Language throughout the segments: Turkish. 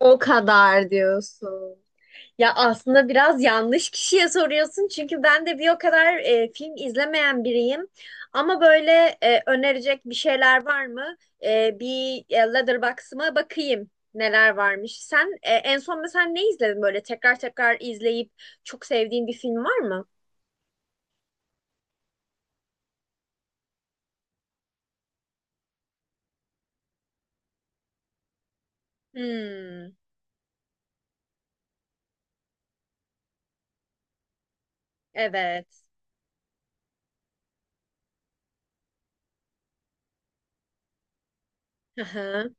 O kadar diyorsun. Ya aslında biraz yanlış kişiye soruyorsun çünkü ben de bir o kadar film izlemeyen biriyim. Ama böyle önerecek bir şeyler var mı? Letterboxd'ıma bakayım neler varmış. Sen en son mesela ne izledin böyle tekrar tekrar izleyip çok sevdiğin bir film var mı? Hmm, evet. Hı hı.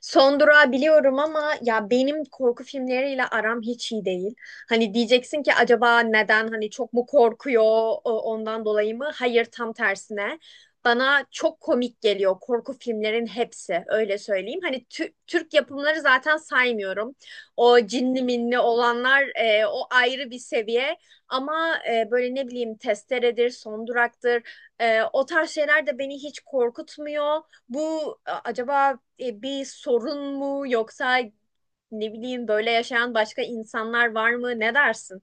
Son durağı biliyorum ama ya benim korku filmleriyle aram hiç iyi değil. Hani diyeceksin ki acaba neden hani çok mu korkuyor ondan dolayı mı? Hayır tam tersine. Bana çok komik geliyor korku filmlerin hepsi öyle söyleyeyim. Hani Türk yapımları zaten saymıyorum. O cinli minli olanlar, o ayrı bir seviye. Ama böyle ne bileyim Testere'dir, Son Durak'tır. O tarz şeyler de beni hiç korkutmuyor. Bu acaba bir sorun mu, yoksa ne bileyim böyle yaşayan başka insanlar var mı? Ne dersin?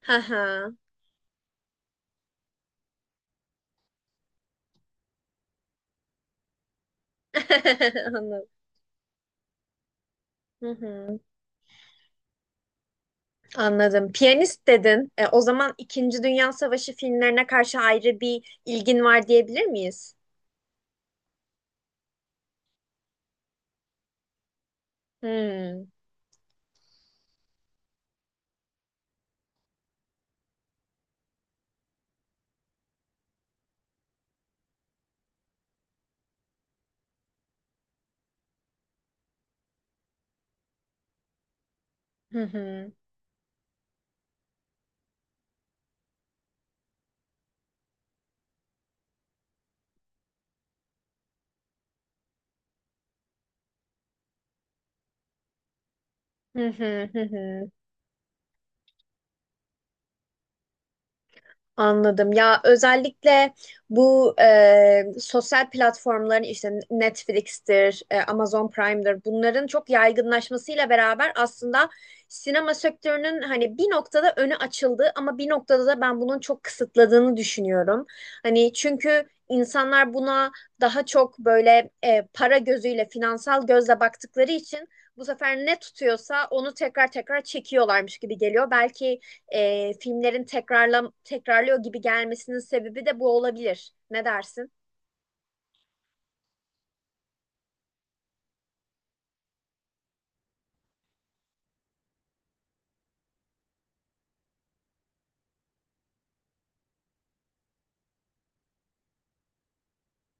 Hı hı. Anladım. Hı hı. Anladım. Piyanist dedin. O zaman İkinci Dünya Savaşı filmlerine karşı ayrı bir ilgin var diyebilir miyiz? Hmm. Hı hı. Hı hı hı hı. Anladım. Ya özellikle bu sosyal platformların, işte Netflix'tir, Amazon Prime'dir, bunların çok yaygınlaşmasıyla beraber aslında sinema sektörünün hani bir noktada önü açıldı, ama bir noktada da ben bunun çok kısıtladığını düşünüyorum. Hani çünkü insanlar buna daha çok böyle para gözüyle, finansal gözle baktıkları için bu sefer ne tutuyorsa onu tekrar tekrar çekiyorlarmış gibi geliyor. Belki filmlerin tekrarla tekrarlıyor gibi gelmesinin sebebi de bu olabilir. Ne dersin?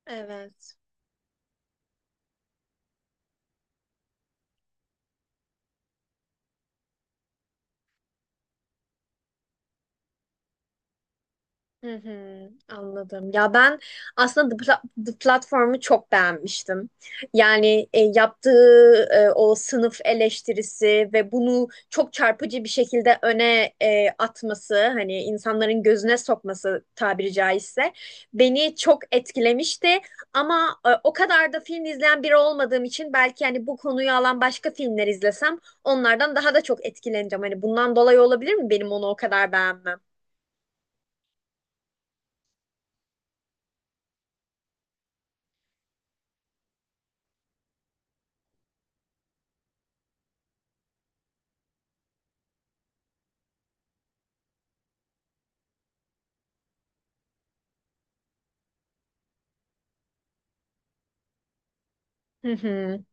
Evet. Hı hı, anladım. Ya ben aslında The Platform'u çok beğenmiştim. Yani yaptığı o sınıf eleştirisi ve bunu çok çarpıcı bir şekilde öne atması, hani insanların gözüne sokması, tabiri caizse, beni çok etkilemişti. Ama o kadar da film izleyen biri olmadığım için, belki hani bu konuyu alan başka filmler izlesem onlardan daha da çok etkileneceğim. Hani bundan dolayı olabilir mi benim onu o kadar beğenmem? Hı hı.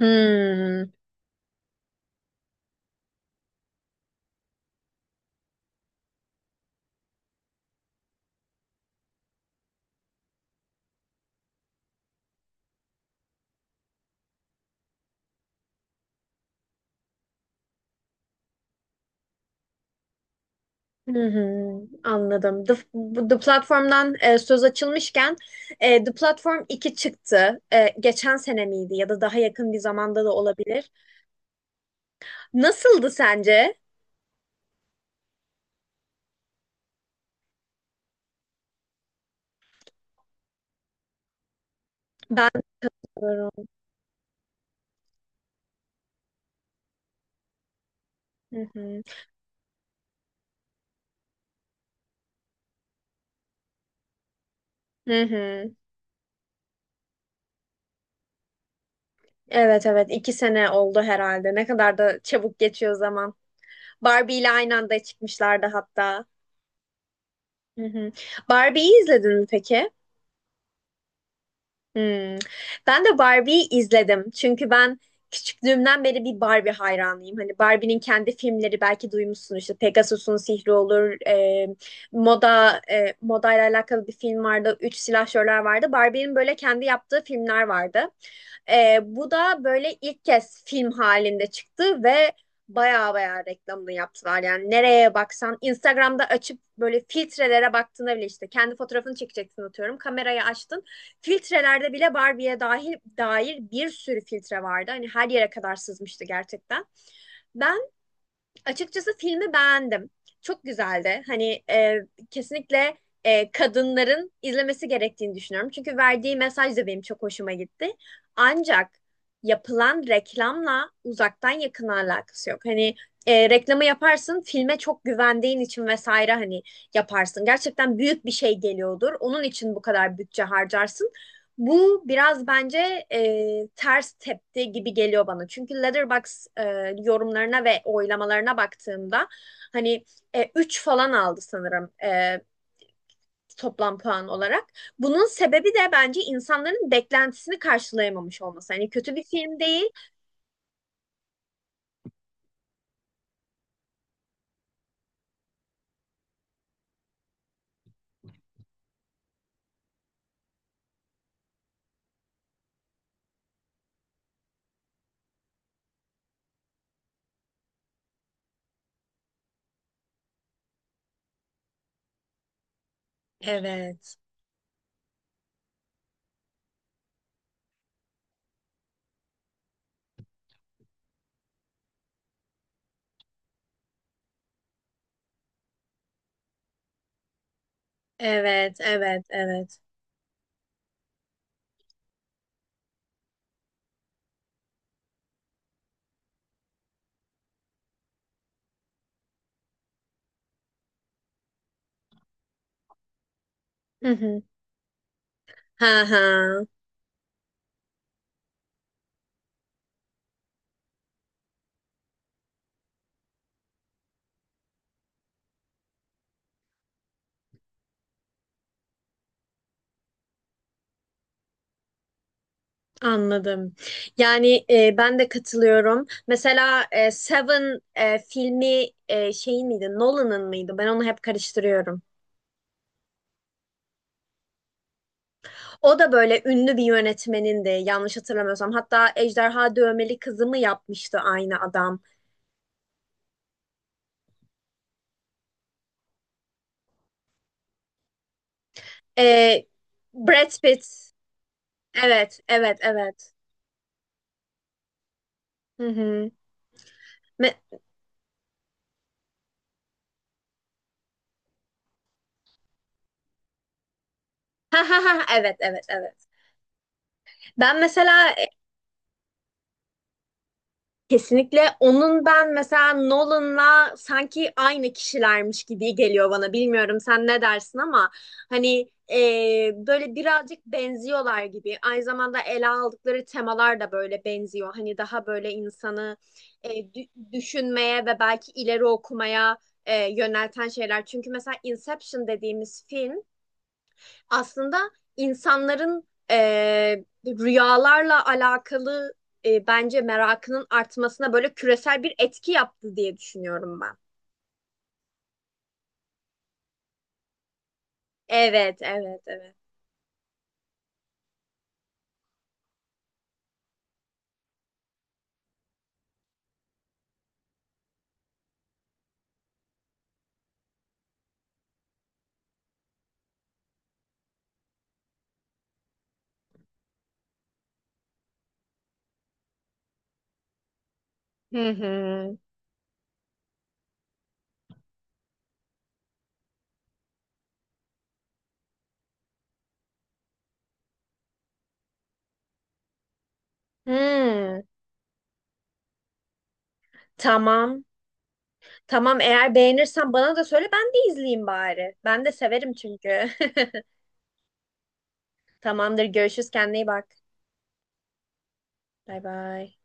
Hmm, hı hı, anladım. Bu The Platform'dan söz açılmışken The Platform iki çıktı. E, geçen sene miydi, ya da daha yakın bir zamanda da olabilir. Nasıldı sence? Ben. Doğru. Hı hı. Hı hı. Evet evet, iki sene oldu herhalde. Ne kadar da çabuk geçiyor zaman. Barbie ile aynı anda çıkmışlardı hatta. Hı hı. Barbie'yi izledin mi peki? Hmm. Ben de Barbie'yi izledim. Çünkü ben küçüklüğümden beri bir Barbie hayranıyım. Hani Barbie'nin kendi filmleri, belki duymuşsun, işte Pegasus'un Sihri olur, modayla alakalı bir film vardı, Üç Silahşörler vardı. Barbie'nin böyle kendi yaptığı filmler vardı. E, bu da böyle ilk kez film halinde çıktı ve baya baya reklamını yaptılar. Yani nereye baksan Instagram'da açıp böyle filtrelere baktığında bile, işte kendi fotoğrafını çekeceksin atıyorum. Kamerayı açtın. Filtrelerde bile Barbie'ye dahil dair bir sürü filtre vardı. Hani her yere kadar sızmıştı gerçekten. Ben açıkçası filmi beğendim. Çok güzeldi. Hani kesinlikle kadınların izlemesi gerektiğini düşünüyorum. Çünkü verdiği mesaj da benim çok hoşuma gitti. Ancak yapılan reklamla uzaktan yakın alakası yok. Hani reklamı yaparsın, filme çok güvendiğin için vesaire, hani yaparsın. Gerçekten büyük bir şey geliyordur. Onun için bu kadar bütçe harcarsın. Bu biraz bence ters tepti gibi geliyor bana. Çünkü Letterboxd yorumlarına ve oylamalarına baktığımda hani üç falan aldı sanırım toplam puan olarak. Bunun sebebi de bence insanların beklentisini karşılayamamış olması. Hani kötü bir film değil. Evet. Evet, evet, evet. Hı hı. Ha ha. Anladım. Yani ben de katılıyorum. Mesela Seven filmi şeyin miydi? Nolan'ın mıydı? Ben onu hep karıştırıyorum. O da böyle ünlü bir yönetmenindi, yanlış hatırlamıyorsam. Hatta Ejderha Dövmeli Kızı mı yapmıştı aynı adam? E, Brad Pitt. Evet, evet, evet. Hı hı. Me- Ha ha ha, evet evet evet. Ben mesela. Kesinlikle onun, ben mesela Nolan'la sanki aynı kişilermiş gibi geliyor bana. Bilmiyorum sen ne dersin, ama hani böyle birazcık benziyorlar gibi. Aynı zamanda ele aldıkları temalar da böyle benziyor. Hani daha böyle insanı düşünmeye ve belki ileri okumaya yönelten şeyler. Çünkü mesela Inception dediğimiz film aslında insanların rüyalarla alakalı bence merakının artmasına böyle küresel bir etki yaptı diye düşünüyorum ben. Evet, evet, evet. Hı hı. Hmm, tamam. Tamam, eğer beğenirsen bana da söyle, ben de izleyeyim bari. Ben de severim çünkü. Tamamdır, görüşürüz, kendine iyi bak. Bay bay.